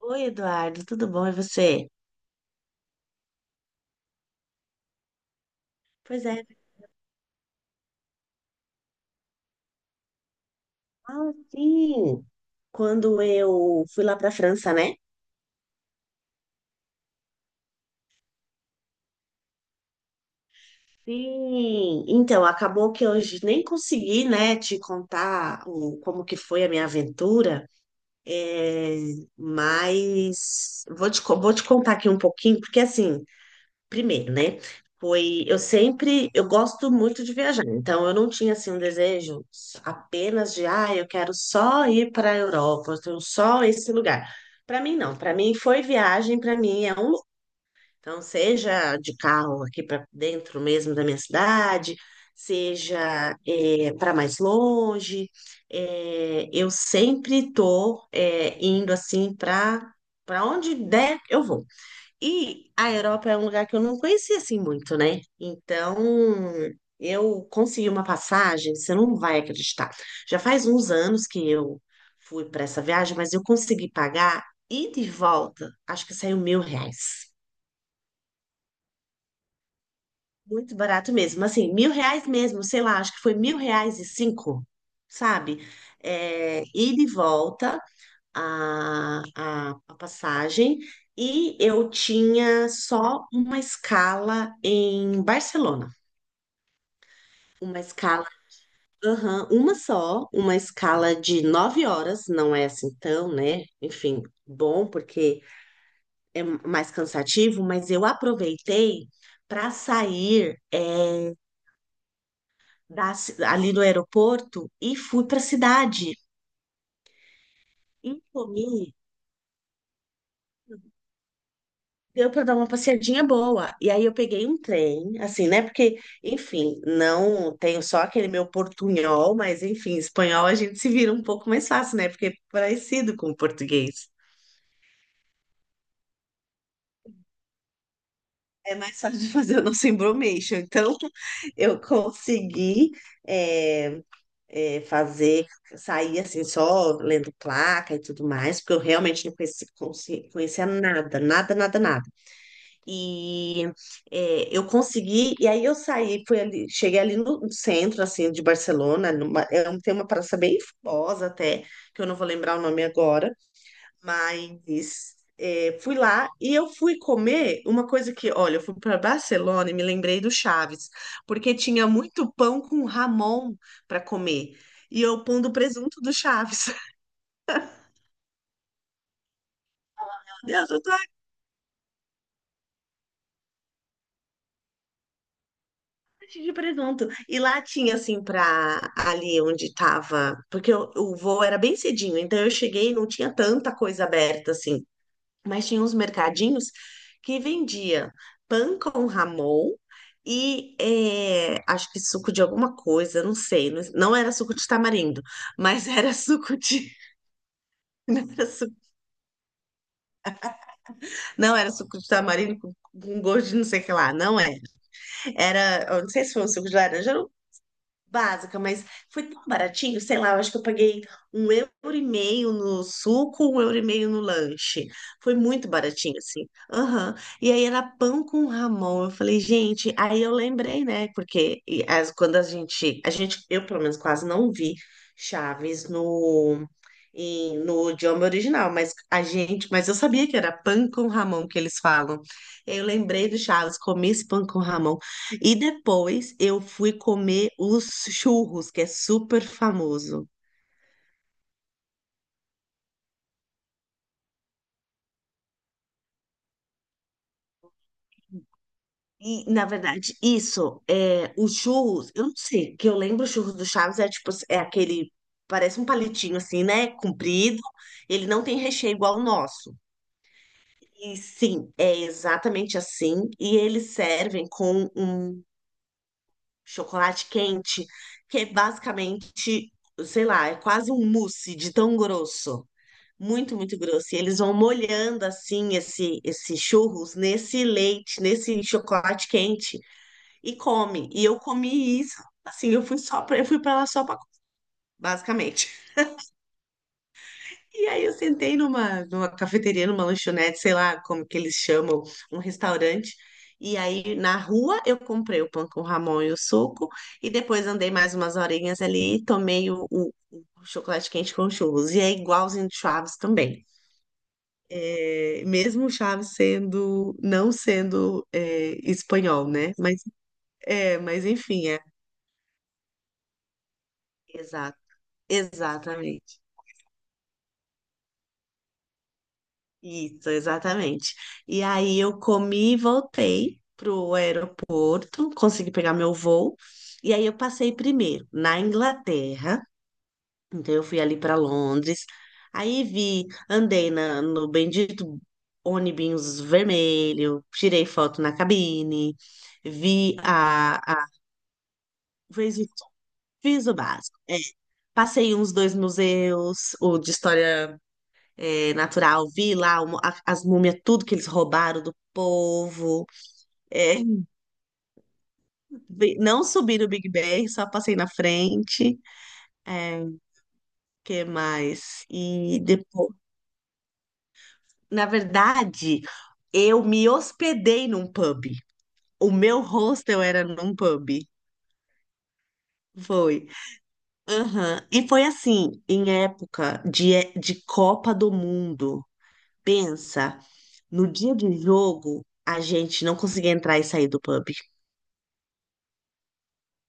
Oi, Eduardo, tudo bom? E você? Pois é. Ah, sim. Quando eu fui lá para a França, né? Sim. Então, acabou que hoje nem consegui, né, te contar o, como que foi a minha aventura, é, mas vou vou te contar aqui um pouquinho, porque assim, primeiro, né? Foi, eu sempre, eu gosto muito de viajar, então eu não tinha assim um desejo apenas de, ah, eu quero só ir para a Europa, eu tenho só esse lugar. Para mim não, para mim foi viagem, para mim é então seja de carro aqui para dentro mesmo da minha cidade, seja para mais longe, eu sempre tô indo assim para onde der eu vou. E a Europa é um lugar que eu não conhecia assim muito, né? Então, eu consegui uma passagem, você não vai acreditar. Já faz uns anos que eu fui para essa viagem, mas eu consegui pagar ida e de volta, acho que saiu R$ 1.000. Muito barato mesmo, assim, R$ 1.000 mesmo, sei lá, acho que foi R$ 1.000 e cinco, sabe? É, ida e de volta. A passagem e eu tinha só uma escala em Barcelona. Uma escala, aham, uma só, uma escala de 9 horas, não é assim tão, né? Enfim, bom, porque é mais cansativo, mas eu aproveitei para sair ali do aeroporto e fui para a cidade. E comi Deu para dar uma passeadinha boa. E aí eu peguei um trem, assim, né? Porque, enfim, não tenho só aquele meu portunhol, mas enfim, espanhol a gente se vira um pouco mais fácil, né? Porque é parecido com o português. É mais fácil de fazer o nosso embromation. Então, eu consegui é, fazer, sair assim, só lendo placa e tudo mais, porque eu realmente não conhecia nada, nada, nada, nada. E eu consegui, e aí eu saí, fui ali, cheguei ali no centro, assim, de Barcelona, tem uma praça bem famosa até, que eu não vou lembrar o nome agora, mas fui lá e eu fui comer uma coisa que, olha, eu fui para Barcelona e me lembrei do Chaves, porque tinha muito pão com Ramon para comer, e eu pondo o presunto do Chaves. Meu Deus, de presunto. E lá tinha, assim, pra ali onde tava. Porque o voo era bem cedinho, então eu cheguei e não tinha tanta coisa aberta, assim. Mas tinha uns mercadinhos que vendia pão com ramon e acho que suco de alguma coisa, não sei. Não, não era suco de tamarindo, mas era suco de. Não era suco, não era suco de tamarindo com gosto de não sei o que lá, não é. Era, eu não sei se foi um suco de laranja, básica, mas foi tão baratinho, sei lá, eu acho que eu paguei € 1,50 no suco, € 1,50 no lanche. Foi muito baratinho, assim. Aham. E aí era pão com Ramon. Eu falei, gente, aí eu lembrei, né? Porque e as- quando eu pelo menos quase não vi Chaves no idioma original, mas eu sabia que era pão com Ramon que eles falam. Eu lembrei do Chaves, comi esse pão com Ramon e depois eu fui comer os churros, que é super famoso. E, na verdade, isso, é, os churros, eu não sei, que eu lembro os churros do Chaves é tipo, é aquele, parece um palitinho assim, né? Comprido, ele não tem recheio igual o nosso. E sim, é exatamente assim. E eles servem com um chocolate quente, que é basicamente, sei lá, é quase um mousse de tão grosso. Muito, muito grosso. E eles vão molhando assim esse, esse churros nesse leite, nesse chocolate quente e come. E eu comi isso, assim, eu fui para lá só para basicamente. E aí eu sentei numa, numa cafeteria, numa lanchonete, sei lá como que eles chamam, um restaurante. E aí na rua eu comprei o pão com Ramon e o suco. E depois andei mais umas horinhas ali e tomei o chocolate quente com churros. E é igualzinho de Chaves também. Mesmo o Chaves não sendo espanhol, né? Mas, é, mas enfim, é. Exato, exatamente. Isso, exatamente. E aí eu comi e voltei pro aeroporto, consegui pegar meu voo. E aí eu passei primeiro na Inglaterra, então eu fui ali para Londres. Aí vi, andei no bendito ônibus vermelho, tirei foto na cabine, vi a fiz, o- fiz o básico. É, passei uns dois museus, o de história natural. Vi lá as múmias, tudo que eles roubaram do povo. É, não subi no Big Ben, só passei na frente. É, que mais? E depois, na verdade, eu me hospedei num pub. O meu hostel era num pub. Foi. Aham. E foi assim, em época de Copa do Mundo. Pensa, no dia do jogo, a gente não conseguia entrar e sair do pub.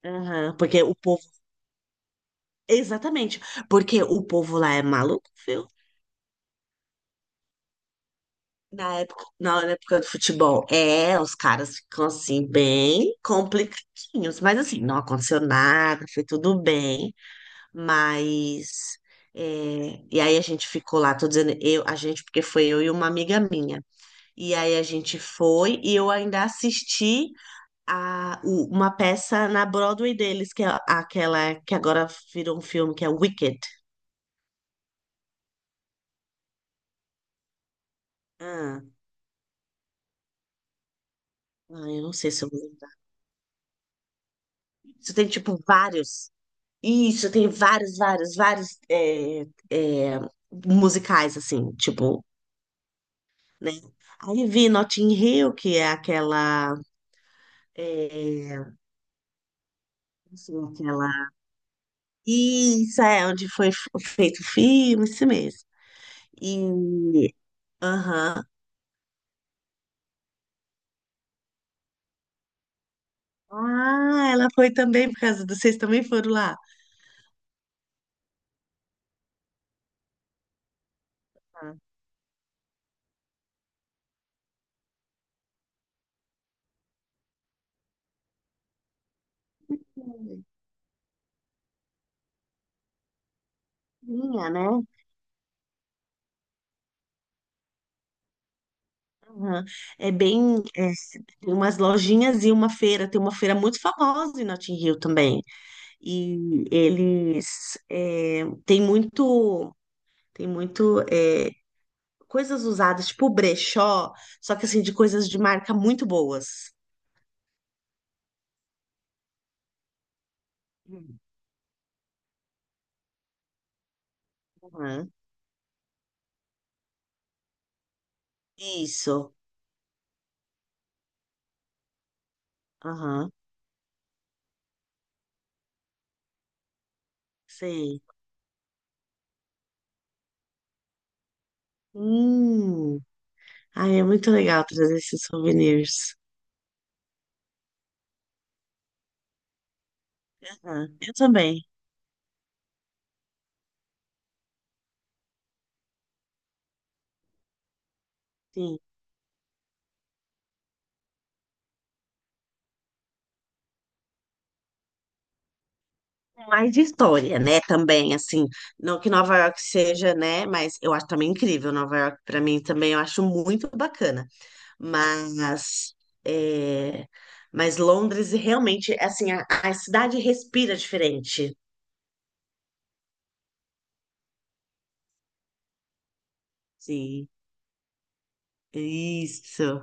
Aham, porque o povo. Exatamente. Porque o povo lá é maluco, viu? Na época do futebol. É, os caras ficam assim, bem complicadinhos. Mas assim, não aconteceu nada, foi tudo bem. Mas. E aí a gente ficou lá, tô dizendo eu, a gente, porque foi eu e uma amiga minha. E aí a gente foi e eu ainda assisti uma peça na Broadway deles, que é aquela que agora virou um filme, que é Wicked. Ah, Ah, eu não sei se eu vou lembrar. Você tem, tipo, vários. Isso, tem vários, vários, vários é, musicais, assim, tipo, né? Aí vi Notting Hill, que é aquela. É, assim, aquela. Isso, é onde foi feito o filme, isso mesmo. E. Aham. Ah, ela foi também por causa do. Vocês também foram lá? Minha né? Aham. É bem, é, tem umas lojinhas e uma feira, tem uma feira muito famosa em Notting Hill também. Tem muito, tem muito coisas usadas, tipo brechó, só que assim, de coisas de marca muito boas. Hum. Aham. Isso, aham, sei. Hum. Ai, é muito legal trazer esses souvenirs. Aham. Eu também, sim. Mais de história, né? Também, assim, não que Nova York seja, né? Mas eu acho também incrível. Nova York, para mim, também eu acho muito bacana. Mas, é, mas Londres realmente, assim, a cidade respira diferente. Sim, isso.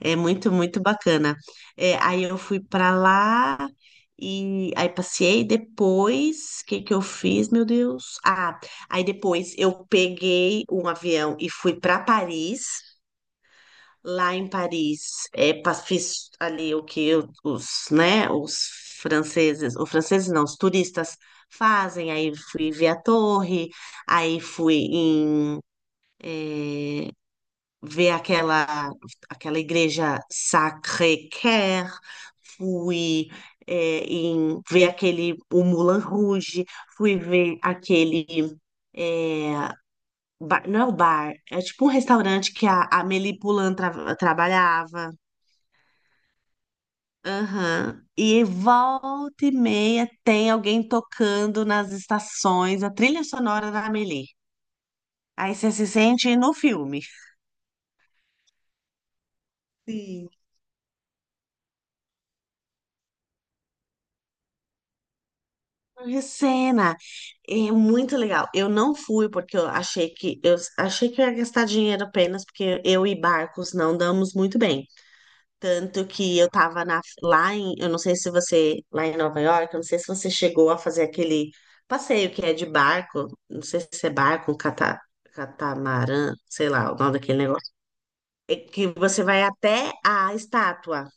É muito, muito bacana. É, aí eu fui pra lá e aí passei. Depois, o que que eu fiz, meu Deus? Ah, aí depois eu peguei um avião e fui pra Paris. Lá em Paris, fiz ali o que os, né, os franceses não, os turistas fazem. Aí fui ver a torre, aí fui ver aquela igreja Sacré-Cœur, fui ver aquele o Moulin Rouge, fui ver aquele bar, não é o bar, é tipo um restaurante que a Amélie Poulain trabalhava. Aham. E volta e meia tem alguém tocando nas estações a trilha sonora da Amélie. Aí você se sente no filme. Sim. Recena. É muito legal. Eu não fui porque eu achei que eu ia gastar dinheiro apenas porque eu e barcos não damos muito bem. Tanto que eu tava na, lá em, eu não sei se você, lá em Nova York, eu não sei se você chegou a fazer aquele passeio que é de barco, não sei se é catamarã, sei lá o nome daquele negócio. É que você vai até a estátua.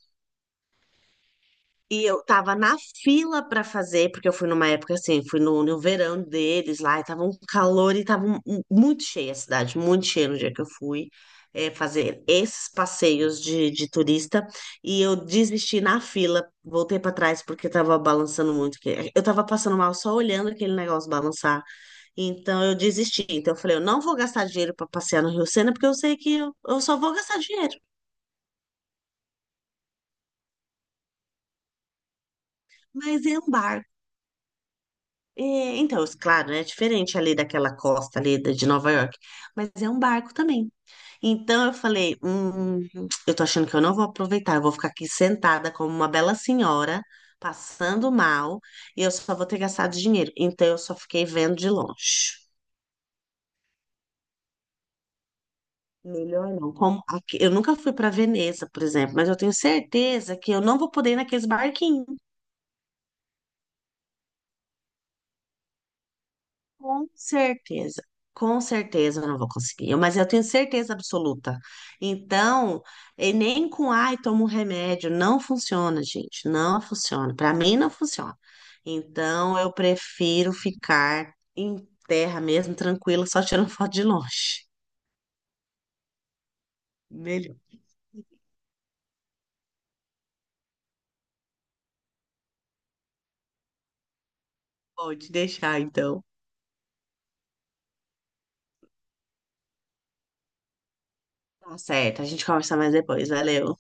E eu tava na fila pra fazer, porque eu fui numa época assim, fui no verão deles lá, e tava um calor e tava muito cheia a cidade, muito cheia no dia que eu fui fazer esses passeios de turista. E eu desisti na fila, voltei pra trás porque tava balançando muito. Eu tava passando mal só olhando aquele negócio balançar. Então eu desisti. Então eu falei, eu não vou gastar dinheiro pra passear no Rio Sena, porque eu sei que eu só vou gastar dinheiro. Mas é um barco. É, então, claro, né, é diferente ali daquela costa ali de Nova York, mas é um barco também. Então eu falei, eu tô achando que eu não vou aproveitar, eu vou ficar aqui sentada como uma bela senhora, passando mal, e eu só vou ter gastado dinheiro. Então eu só fiquei vendo de longe. Melhor não. Eu nunca fui para Veneza, por exemplo, mas eu tenho certeza que eu não vou poder ir naqueles barquinhos. Com certeza, com certeza eu não vou conseguir, mas eu tenho certeza absoluta. Então, e nem com ai, tomo um remédio, não funciona, gente, não funciona. Para mim não funciona. Então, eu prefiro ficar em terra mesmo, tranquila, só tirando foto de longe. Melhor. Pode deixar, então. Tá certo, a gente conversa mais depois. Valeu.